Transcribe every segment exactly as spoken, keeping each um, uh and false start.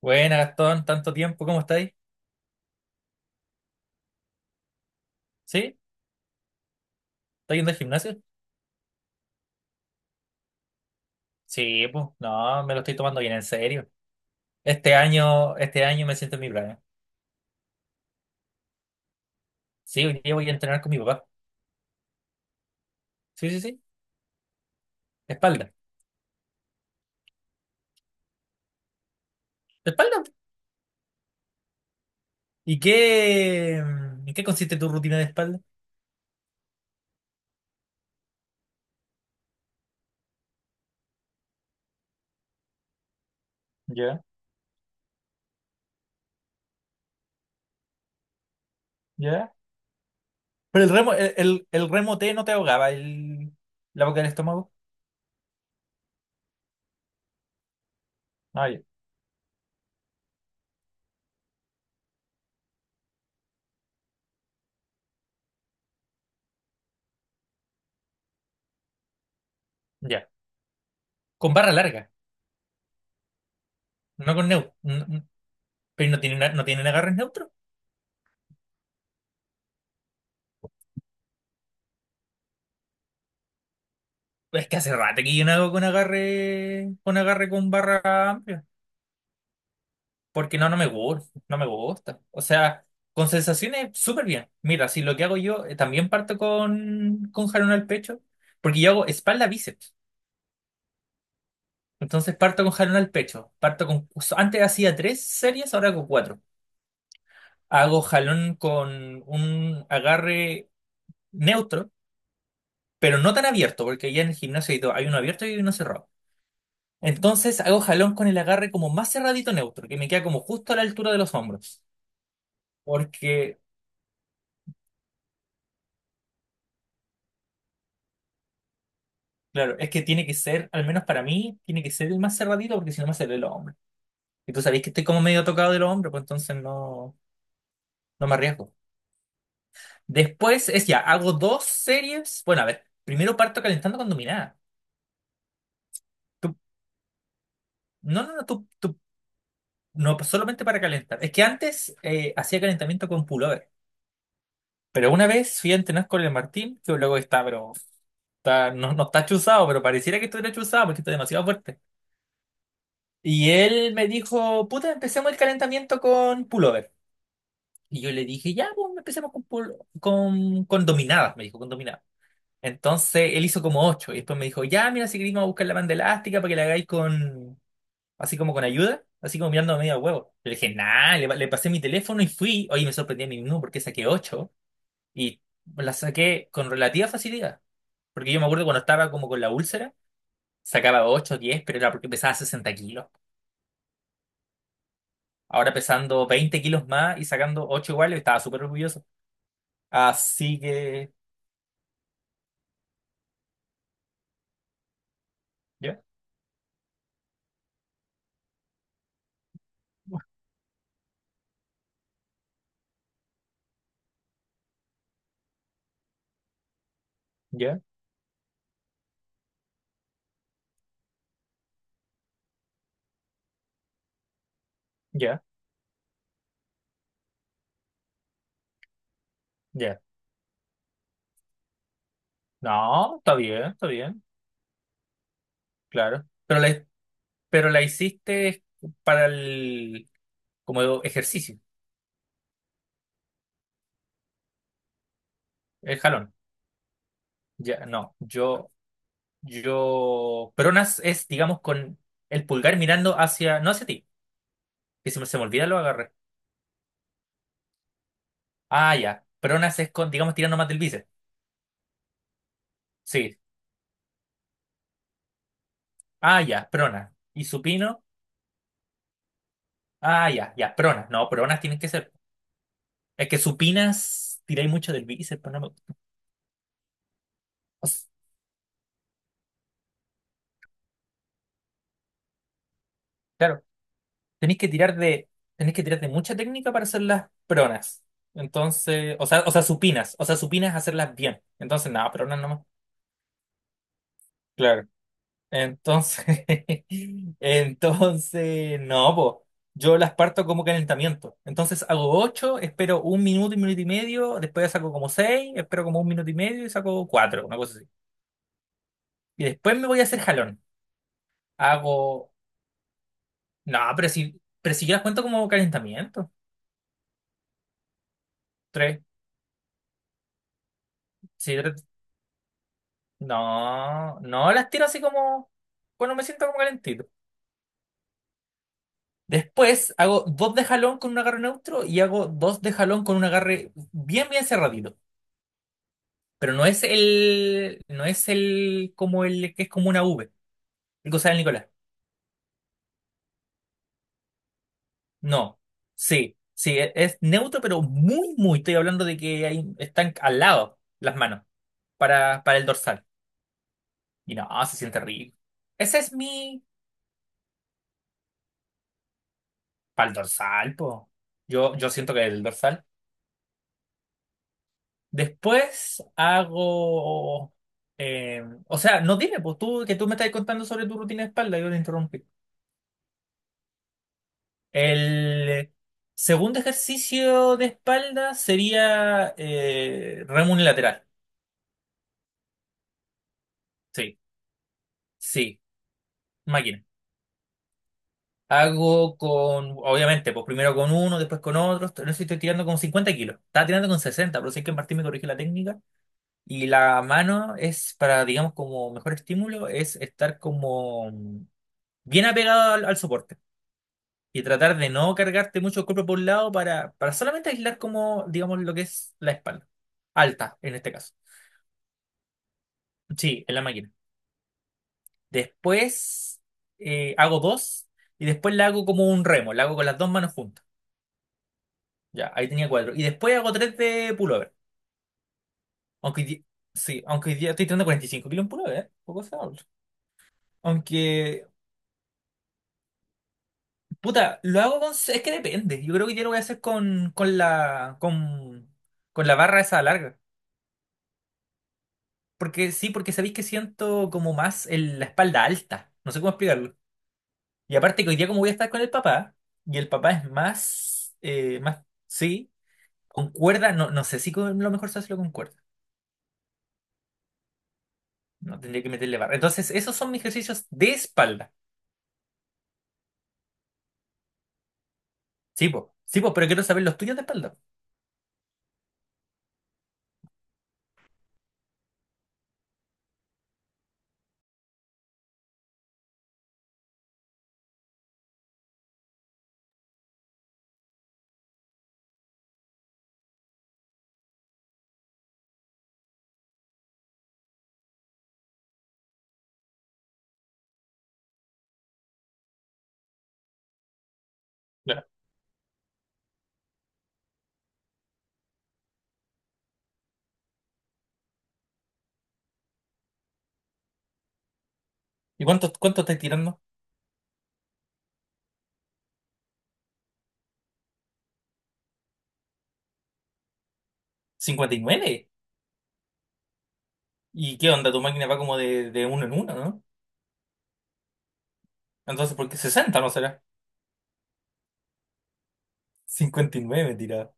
Buena, Gastón, tanto tiempo, ¿cómo estáis? ¿Sí? ¿Estás yendo al gimnasio? Sí, pues, no, me lo estoy tomando bien en serio. Este año, este año me siento en mi plan. Sí, hoy día voy a entrenar con mi papá. Sí, sí, sí. Espalda. ¿Espalda? ¿Y qué, mm, en qué consiste tu rutina de espalda? Ya, ya. Pero el remo, el, el, el remo T no te ahogaba el, la boca del estómago. Ah, ya. Ya. Con barra larga, no con neutro. Pero no tiene, una- no tienen agarres neutros. Es que hace rato que yo no hago con agarre, con agarre, con barra amplia, porque no, no me gusta, no me gusta. O sea, con sensaciones súper bien. Mira, si lo que hago yo, eh, también parto con, con jalón al pecho, porque yo hago espalda bíceps. Entonces parto con jalón al pecho, parto con, so, antes hacía tres series, ahora hago cuatro. Hago jalón con un agarre neutro, pero no tan abierto, porque ya en el gimnasio hay, do- hay uno abierto y uno cerrado. Entonces hago jalón con el agarre como más cerradito neutro, que me queda como justo a la altura de los hombros. Porque, claro, es que tiene que ser, al menos para mí, tiene que ser el más cerradito porque si no me sale el hombro. Y tú sabéis que estoy como medio tocado de los hombros, pues entonces no, no me arriesgo. Después es ya, hago dos series. Bueno, a ver, primero parto calentando con dominada. Tú- no, no, no, tú, tú- no, pues solamente para calentar. Es que antes eh, hacía calentamiento con pullover. Pero una vez fui a entrenar con el Martín, que luego está, pero Está- no, no está chuzado, pero pareciera que estuviera chuzado porque está demasiado fuerte. Y él me dijo, puta, empecemos el calentamiento con pullover. Y yo le dije, ya, pues empecemos con, pull- con, con dominadas, me dijo, con dominadas. Entonces él hizo como ocho y después me dijo, ya, mira, si queréis vamos a buscar la banda elástica para que la hagáis con, así como con ayuda, así como mirando a medio huevo. Le dije, nah, le, le pasé mi teléfono y fui. Oye, me sorprendí a mí mismo porque saqué ocho y la saqué con relativa facilidad. Porque yo me acuerdo cuando estaba como con la úlcera. Sacaba ocho diez pero era porque pesaba sesenta kilos. Ahora pesando veinte kilos más y sacando ocho iguales, estaba súper orgulloso. Así que, ya, ya, ya, ya. No, está bien, está bien, claro. Pero la, pero la hiciste para el, como ejercicio, el jalón. Ya, no, yo, yo, peronas es, digamos, con el pulgar mirando hacia, no hacia ti, que se me, se me olvida lo agarré. Ah, ya, peronas es con, digamos, tirando más del bíceps. Sí, ah, ya, pronas. ¿Y supino? Ah, ya, ya, pronas. No, pronas tienen que ser. Es que supinas tiráis mucho del bíceps, pero no me. O sea, claro, tenéis que tirar de, tenéis que tirar de mucha técnica para hacer las pronas. Entonces, o sea, o sea, supinas. O sea, supinas hacerlas bien. Entonces, nada, pronas nomás. Claro. Entonces, entonces, no, po. Yo las parto como calentamiento. Entonces hago ocho, espero un minuto, un minuto y medio, después saco como seis, espero como un minuto y medio y saco cuatro, una cosa así. Y después me voy a hacer jalón. Hago. No, pero si, pero si yo las cuento como calentamiento. Tres. Sí, tres. No, no las tiro así como. Bueno, me siento como calentito. Después hago dos de jalón con un agarre neutro y hago dos de jalón con un agarre bien, bien cerradito. Pero no es el. No es el. Como el que es como una V. El que usaba el Nicolás. No. Sí. Sí, e- es neutro, pero muy, muy. Estoy hablando de que ahí están al lado las manos para, para el dorsal. Y no, ah, se siente rico. Ese es mi... Para el dorsal, po. Yo, yo siento que el dorsal. Después hago... eh, O sea, no, dime, pues tú que tú me estás contando sobre tu rutina de espalda, yo te interrumpí. El segundo ejercicio de espalda sería eh, remo unilateral. Sí, sí, máquina. Hago con, obviamente, pues primero con uno, después con otro. Estoy- No sé si estoy tirando con cincuenta kilos. Estaba tirando con sesenta pero sé que Martín me corrige la técnica. Y la mano es para, digamos, como mejor estímulo, es estar como bien apegado al, al soporte y tratar de no cargarte mucho el cuerpo por un lado para, para solamente aislar como, digamos, lo que es la espalda. Alta, en este caso. Sí, en la máquina. Después eh, hago dos y después la hago como un remo, la hago con las dos manos juntas. Ya, ahí tenía cuatro. Y después hago tres de pullover. Aunque hoy di- sí, aunque hoy día estoy tirando cuarenta y cinco kilos en pullover, ¿eh? Poco se habla. Aunque puta, lo hago con... Es que depende. Yo creo que yo lo voy a hacer con, con la... Con, con la barra esa larga. Porque sí, porque sabéis que siento como más el- la espalda alta. No sé cómo explicarlo. Y aparte que hoy día como voy a estar con el papá, y el papá es más... eh, más... Sí, con cuerda. No, no sé si con- lo mejor se hace con cuerda. No tendría que meterle barra. Entonces, esos son mis ejercicios de espalda. Sí, po. Sí, po, pero quiero saber los tuyos de espalda. Claro. ¿Y cuánto, cuánto estás tirando? Cincuenta y nueve. ¿Y qué onda? Tu máquina va como de, de uno en uno. Entonces, ¿por qué sesenta no será? cincuenta y nueve tirado.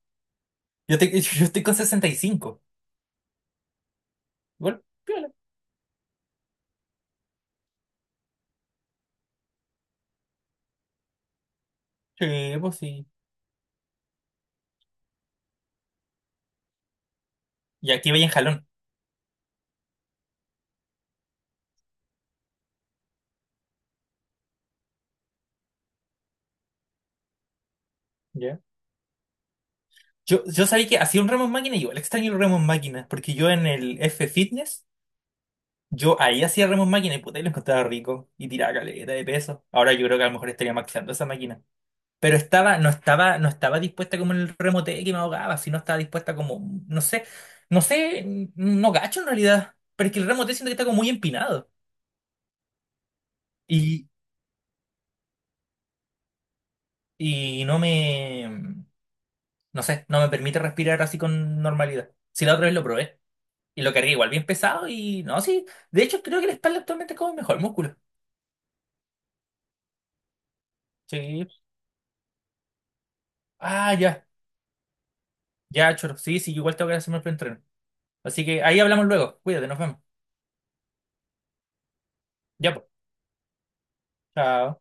Yo, te- yo estoy con sesenta y cinco. Igual, piola. Sí, pues sí. Y aquí vaya en jalón. ¿Ya? Yo, yo sabía que hacía un remo en máquina y igual extraño el remo en máquina. Porque yo en el F Fitness, yo ahí hacía remo en máquina y puta, y lo encontraba rico. Y tiraba caleta de peso. Ahora yo creo que a lo mejor estaría maxeando esa máquina. Pero estaba, no estaba, no estaba dispuesta como en el remo T que me ahogaba, sino estaba dispuesta como, no sé, no sé, no gacho en realidad. Pero es que el remo T siento que está como muy empinado. Y, y no me, no sé, no me permite respirar así con normalidad. Si la otra vez lo probé y lo cargué igual bien pesado y no, sí, de hecho creo que la espalda actualmente es como mejor músculo. Sí. Ah, ya, ya, choro. Sí, sí, igual tengo que hacerme el preentreno. Así que ahí hablamos luego. Cuídate, nos vemos. Ya, pues. Chao.